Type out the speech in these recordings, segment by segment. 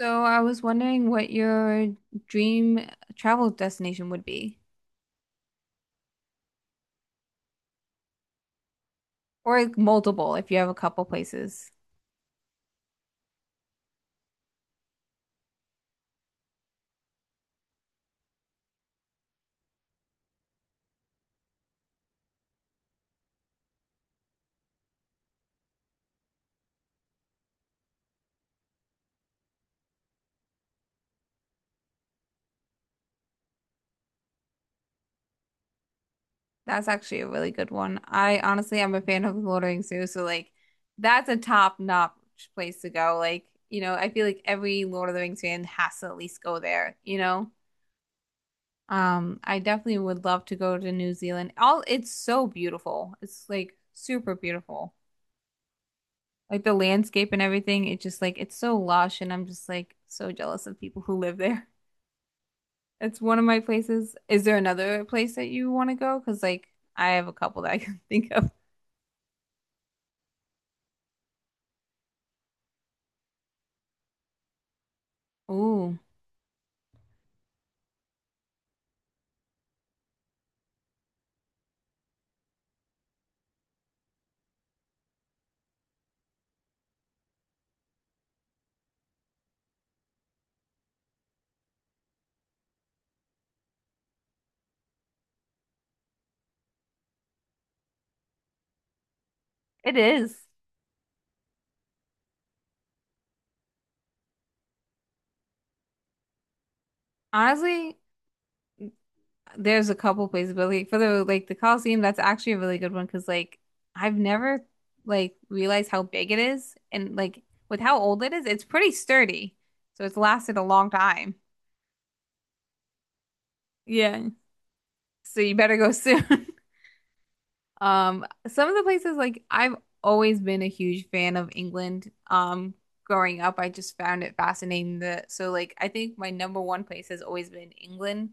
So I was wondering what your dream travel destination would be, or like multiple if you have a couple places. That's actually a really good one. I honestly am a fan of the Lord of the Rings too, so like that's a top-notch place to go. Like, you know, I feel like every Lord of the Rings fan has to at least go there, you know? I definitely would love to go to New Zealand. All it's so beautiful. It's like super beautiful. Like the landscape and everything, it just like it's so lush and I'm just like so jealous of people who live there. It's one of my places. Is there another place that you want to go? Because like I have a couple that I can think of. Ooh, it is. Honestly, there's a couple places, but like for the like the Coliseum, that's actually a really good one because like I've never like realized how big it is and like with how old it is, it's pretty sturdy. So it's lasted a long time. Yeah. So you better go soon. Some of the places like I've always been a huge fan of England. Growing up, I just found it fascinating that so like I think my number one place has always been England,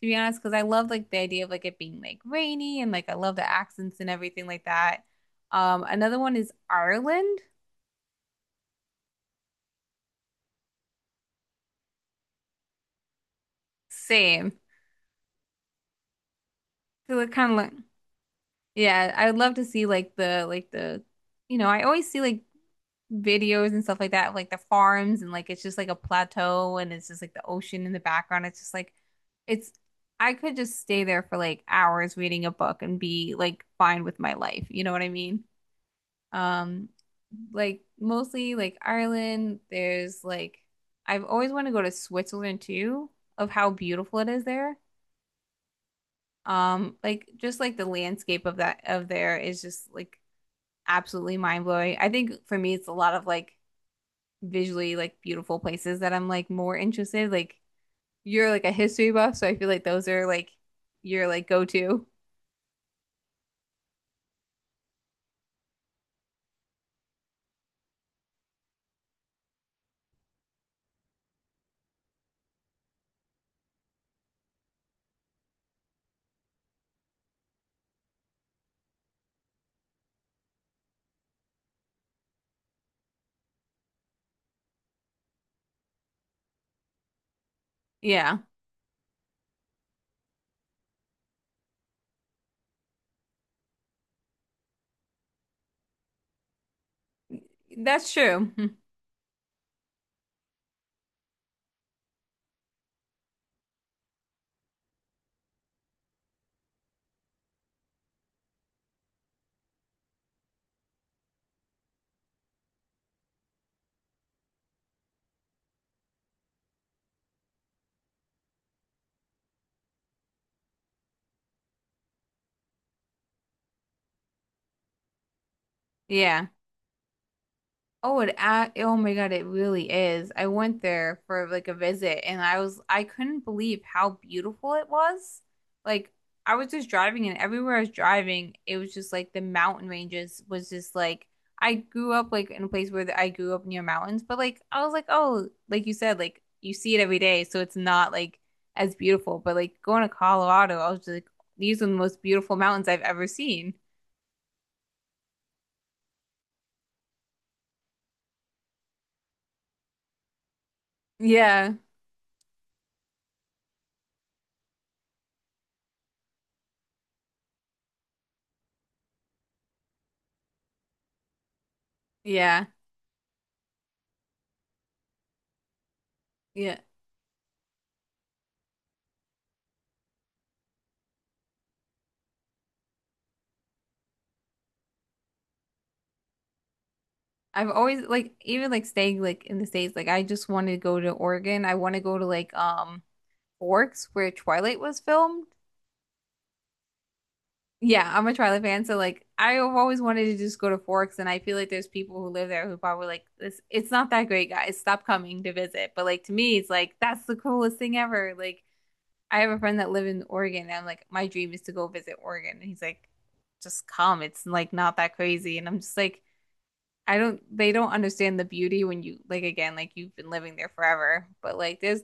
to be honest, because I love like the idea of like it being like rainy and like I love the accents and everything like that. Another one is Ireland. Same. So it kind of like yeah, I would love to see like the you know, I always see like videos and stuff like that, of, like the farms and like it's just like a plateau and it's just like the ocean in the background. It's just like it's I could just stay there for like hours reading a book and be like fine with my life. You know what I mean? Um, like mostly like Ireland, there's like I've always wanted to go to Switzerland too, of how beautiful it is there. Like just like the landscape of that of there is just like absolutely mind blowing. I think for me it's a lot of like visually like beautiful places that I'm like more interested. Like you're like a history buff, so I feel like those are like your like go to. Yeah. That's true. Yeah. Oh, it, a oh my God, it really is. I went there for like a visit and I couldn't believe how beautiful it was. Like, I was just driving and everywhere I was driving, it was just like the mountain ranges was just like, I grew up like in a place where I grew up near mountains, but like, I was like, oh, like you said, like you see it every day. So it's not like as beautiful, but like going to Colorado, I was just like, these are the most beautiful mountains I've ever seen. Yeah. Yeah. Yeah. I've always like even like staying like in the States, like I just want to go to Oregon. I want to go to like Forks where Twilight was filmed. Yeah, I'm a Twilight fan, so like I've always wanted to just go to Forks and I feel like there's people who live there who probably like this it's not that great, guys. Stop coming to visit. But like to me it's like that's the coolest thing ever. Like I have a friend that live in Oregon and I'm like my dream is to go visit Oregon and he's like just come. It's like not that crazy and I'm just like I don't they don't understand the beauty when you like again like you've been living there forever but like there's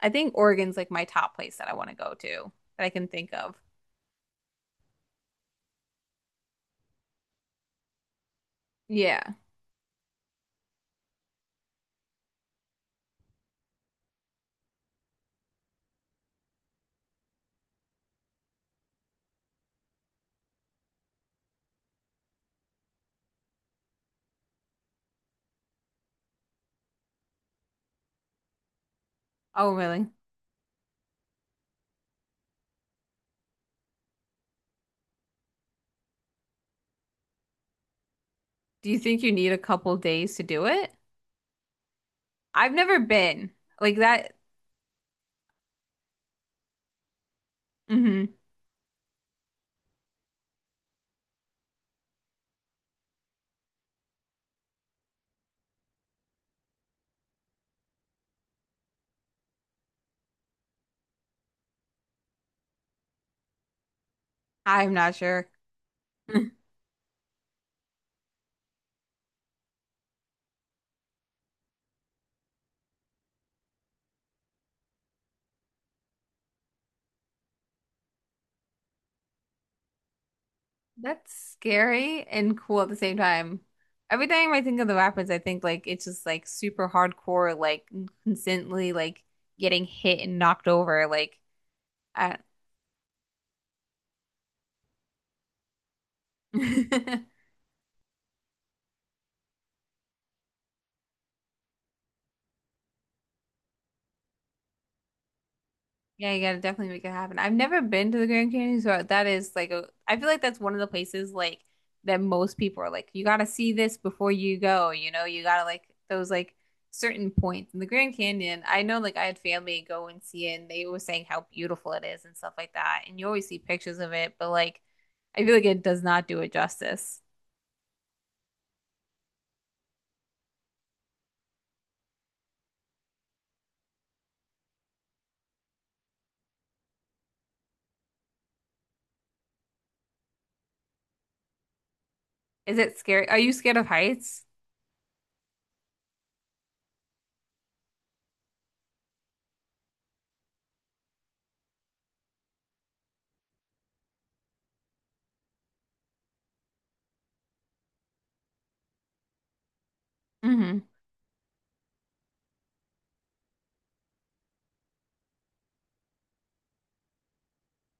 I think Oregon's like my top place that I want to go to that I can think of. Yeah. Oh, really? Do you think you need a couple days to do it? I've never been like that. Hmm. I'm not sure. That's scary and cool at the same time. Every time I think of the Rapids, I think like it's just like super hardcore, like constantly like getting hit and knocked over. Like, I yeah, you gotta definitely make it happen. I've never been to the Grand Canyon, so that is like I feel like that's one of the places like that most people are like, you gotta see this before you go, you know, you gotta like those like certain points in the Grand Canyon. I know like I had family go and see it and they were saying how beautiful it is and stuff like that. And you always see pictures of it, but like I feel like it does not do it justice. Is it scary? Are you scared of heights? Hmm.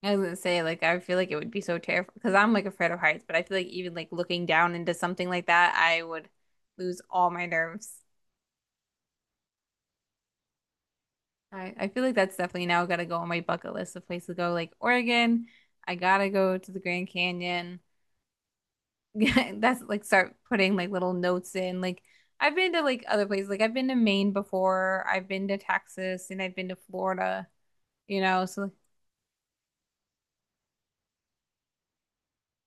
I was gonna say, like, I feel like it would be so terrifying because I'm like afraid of heights, but I feel like even like looking down into something like that, I would lose all my nerves. I feel like that's definitely now gotta go on my bucket list of places to go, like Oregon. I gotta go to the Grand Canyon. That's like start putting like little notes in. Like, I've been to like other places, like, I've been to Maine before, I've been to Texas, and I've been to Florida, you know, so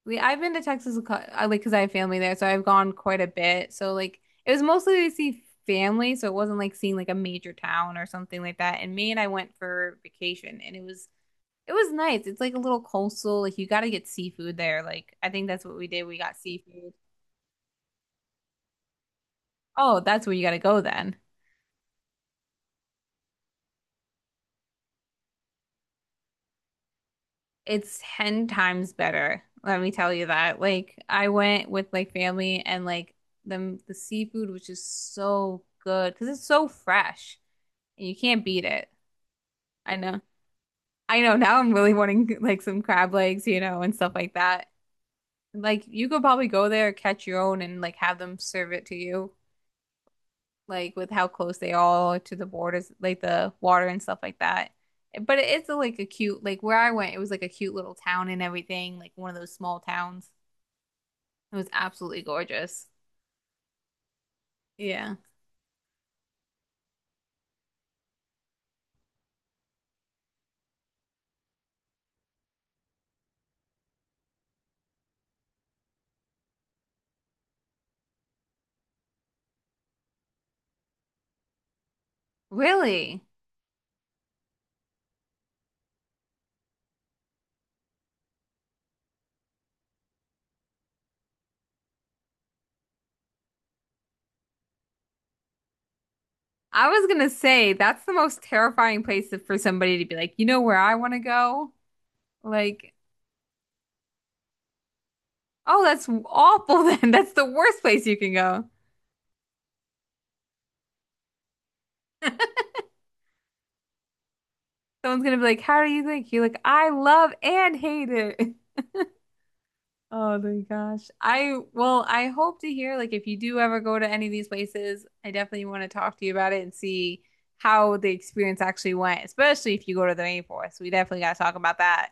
we I've been to Texas a like because I have family there, so I've gone quite a bit. So like it was mostly to see family, so it wasn't like seeing like a major town or something like that. And Maine, I went for vacation, and it was nice. It's like a little coastal. Like you got to get seafood there. Like I think that's what we did. We got seafood. Oh, that's where you got to go then. It's 10 times better. Let me tell you that. Like I went with like family and like them the seafood was just so good because it's so fresh and you can't beat it. I know. I know. Now I'm really wanting like some crab legs, you know, and stuff like that. Like you could probably go there, catch your own, and like have them serve it to you, like with how close they all are to the borders, like the water and stuff like that. But it is like a cute, like where I went, it was like a cute little town and everything, like one of those small towns. It was absolutely gorgeous. Yeah. Really? I was gonna say that's the most terrifying place for somebody to be like, you know where I want to go? Like oh, that's awful then. That's the worst place you can go. Someone's gonna be like, "How do you think?" You're like, "I love and hate it." Oh my gosh. I well, I hope to hear like if you do ever go to any of these places, I definitely want to talk to you about it and see how the experience actually went, especially if you go to the rainforest. We definitely gotta talk about that.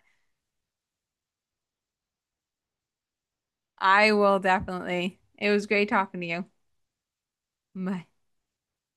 I will definitely. It was great talking to you. Bye.